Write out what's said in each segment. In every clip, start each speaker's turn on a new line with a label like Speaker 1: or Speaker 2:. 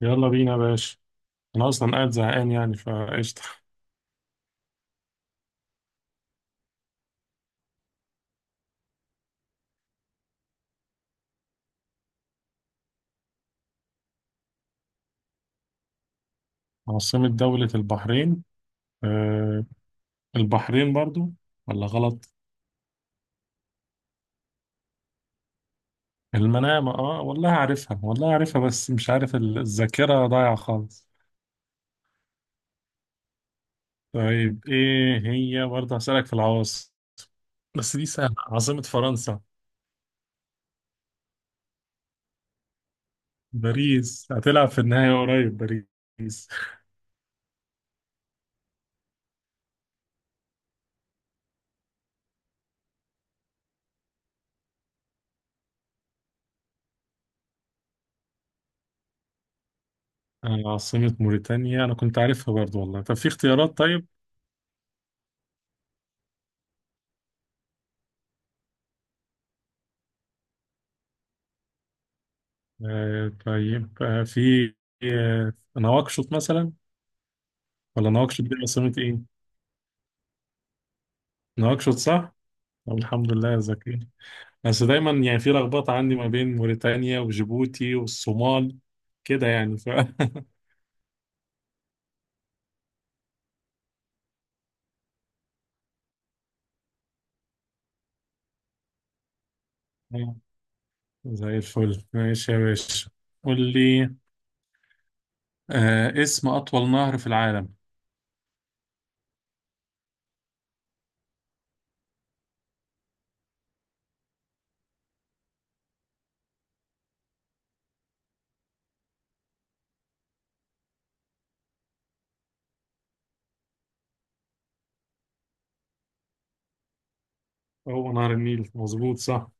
Speaker 1: يلا بينا يا باشا. انا اصلا قاعد زهقان يعني فقشطه. عاصمة دولة البحرين؟ أه، البحرين برضو ولا غلط؟ المنامة، اه والله عارفها، والله عارفها بس مش عارف الذاكرة ضايعة خالص. طيب، ايه هي برضه، هسألك في العواصم بس دي سهلة، عاصمة فرنسا؟ باريس هتلعب في النهاية قريب. باريس. عاصمة موريتانيا، انا كنت عارفها برضو والله، طب في اختيارات؟ طيب أه، طيب أه في نواكشوط مثلا، ولا نواكشوط دي عاصمة ايه؟ نواكشوط صح؟ طب الحمد لله يا زكي. بس دايما يعني في لخبطة عندي ما بين موريتانيا وجيبوتي والصومال كده يعني زي الفل، ماشي يا باشا. قول لي، آه اسم أطول نهر في العالم؟ هو نهر النيل، مظبوط صح؟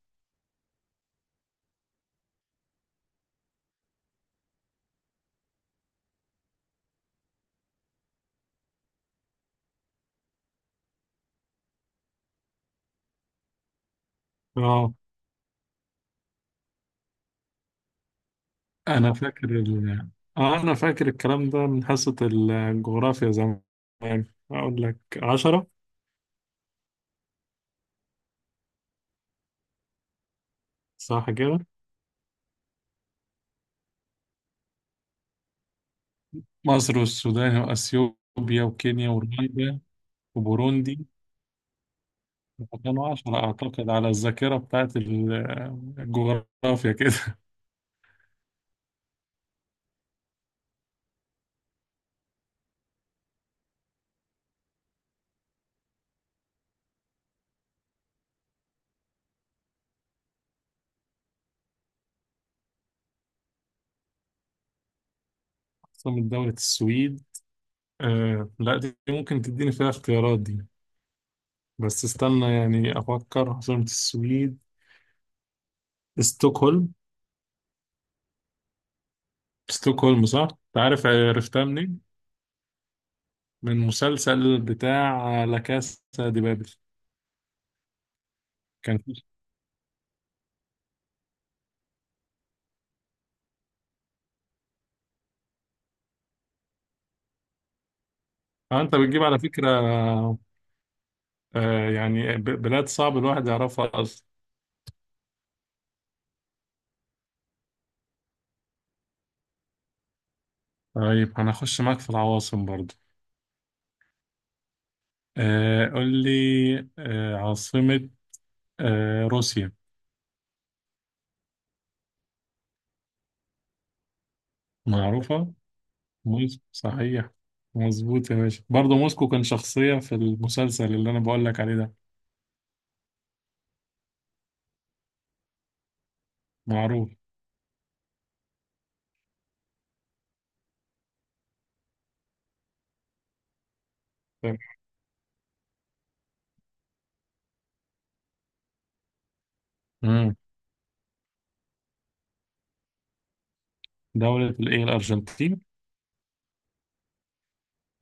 Speaker 1: اه، أنا فاكر آه أنا فاكر الكلام ده من حصة الجغرافيا زمان. أقول لك عشرة. صح كده، مصر والسودان وأثيوبيا وكينيا ورواندا وبوروندي. كانوا عشرة أعتقد، على الذاكرة بتاعت الجغرافيا كده. عاصمة دولة السويد؟ آه لا، دي ممكن تديني فيها اختيارات، دي بس استنى يعني أفكر. عاصمة السويد ستوكهولم. ستوكهولم صح؟ أنت عارف، عرفتها منين؟ من مسلسل بتاع لا كاسا دي بابل. كان في آه، أنت بتجيب على فكرة آه يعني بلاد صعب الواحد يعرفها أصلا. طيب هنخش معاك في العواصم برضو. آه قول لي، آه عاصمة آه روسيا؟ معروفة. موسكو صحيح، مظبوط يا باشا. برضه موسكو كان شخصية في المسلسل اللي أنا بقول لك عليه ده، معروف. مم. دولة الإيه، الأرجنتين؟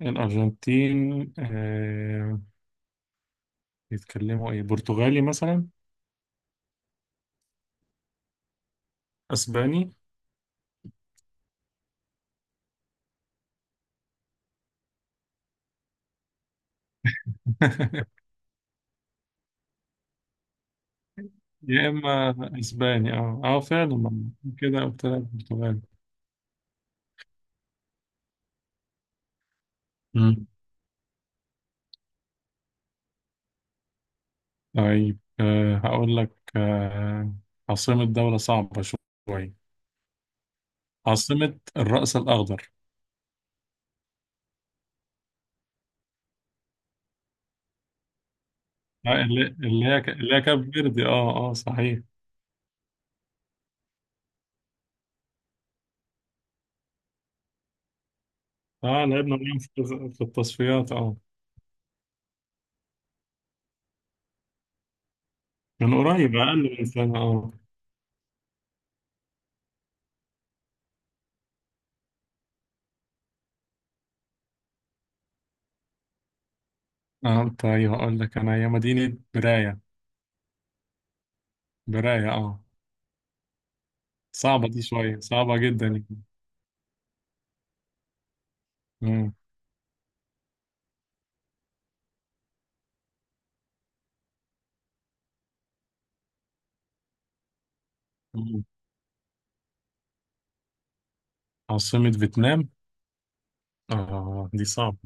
Speaker 1: الأرجنتين آه، بيتكلموا إيه، برتغالي مثلا؟ أسباني؟ يا إما أسباني، أه أه فعلا. كده قلت لك برتغالي. طيب أه هقول لك أه، عاصمة دولة صعبة شوية، عاصمة الرأس الأخضر. آه، اللي هي اللي هي كاب فيردي، اه اه صحيح. اه لعبنا معاهم في التصفيات اه، من قريب أقل من سنة اه. اه طيب هقول لك أنا، هي مدينة براية. براية اه. صعبة دي، شوية صعبة جدا يعني. مم. مم. عاصمة فيتنام؟ اه دي صعبة،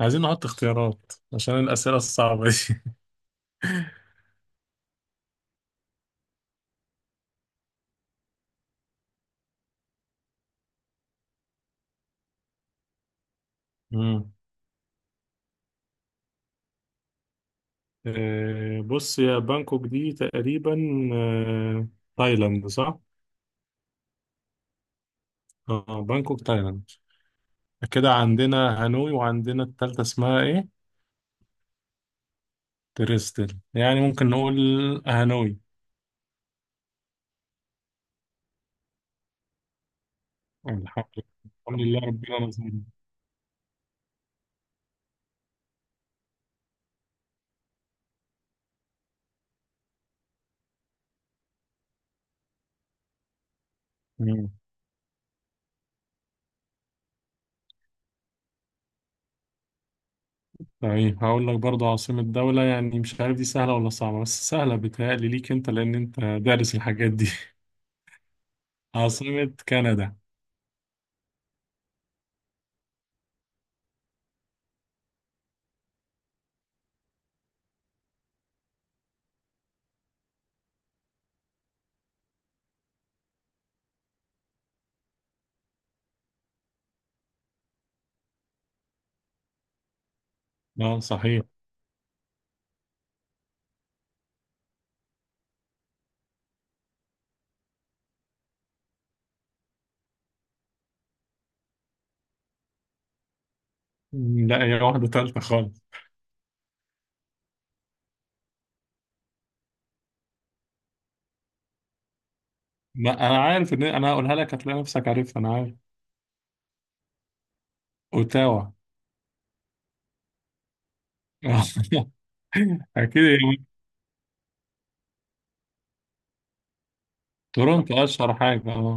Speaker 1: عايزين نحط اختيارات عشان الأسئلة الصعبة دي. آه، بص يا، بانكوك دي تقريبا آه، تايلاند صح؟ اه بانكوك تايلاند. كده عندنا هانوي وعندنا التالتة اسمها ايه؟ تريستل؟ يعني ممكن نقول هانوي. الحمد لله، الحمد لله ربنا نزلنا. مم. طيب هقول لك برضه، عاصمة دولة يعني مش عارف دي سهلة ولا صعبة، بس سهلة بتهيألي ليك انت لأن انت دارس الحاجات دي. عاصمة كندا؟ اه صحيح. مم، لا هي واحدة تالتة خالص. ما انا عارف ان انا هقولها لك هتلاقي نفسك عارفها، انا عارف. اوتاوا. اكيد يعني. تورونتو اشهر حاجه اه.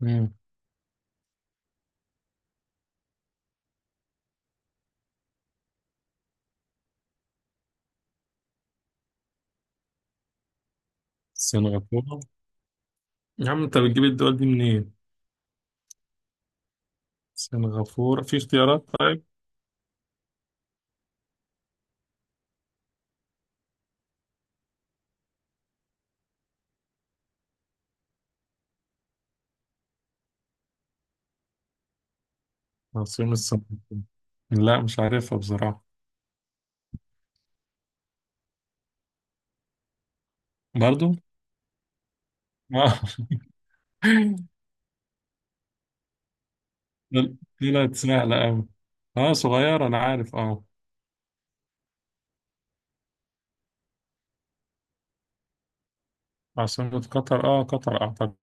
Speaker 1: مم. سنغافوره؟ يا عم انت بتجيب الدول دي منين؟ سنغافوره في اختيارات؟ طيب، عاصمة سنغافورة، لا مش عارفها بصراحه. برضو اه. طلعت سهله قوي. اه صغيره انا عارف اه. عاصمة قطر؟ اه قطر اعتقد.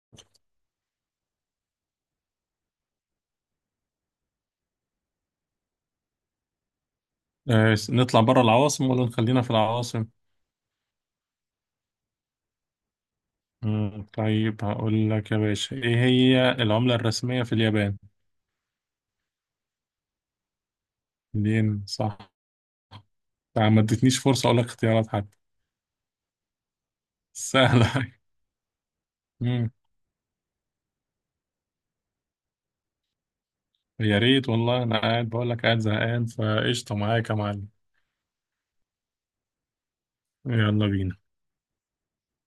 Speaker 1: آه نطلع بره العواصم ولا نخلينا في العواصم؟ مم، طيب هقول لك يا باشا، ايه هي العملة الرسمية في اليابان؟ الين صح؟ آه، ما ادتنيش فرصة أقول لك اختيارات حتى. سهلة. مم. يا ريت والله، أنا قاعد بقول لك قاعد زهقان فقشطة معاك يا معلم. يلا بينا.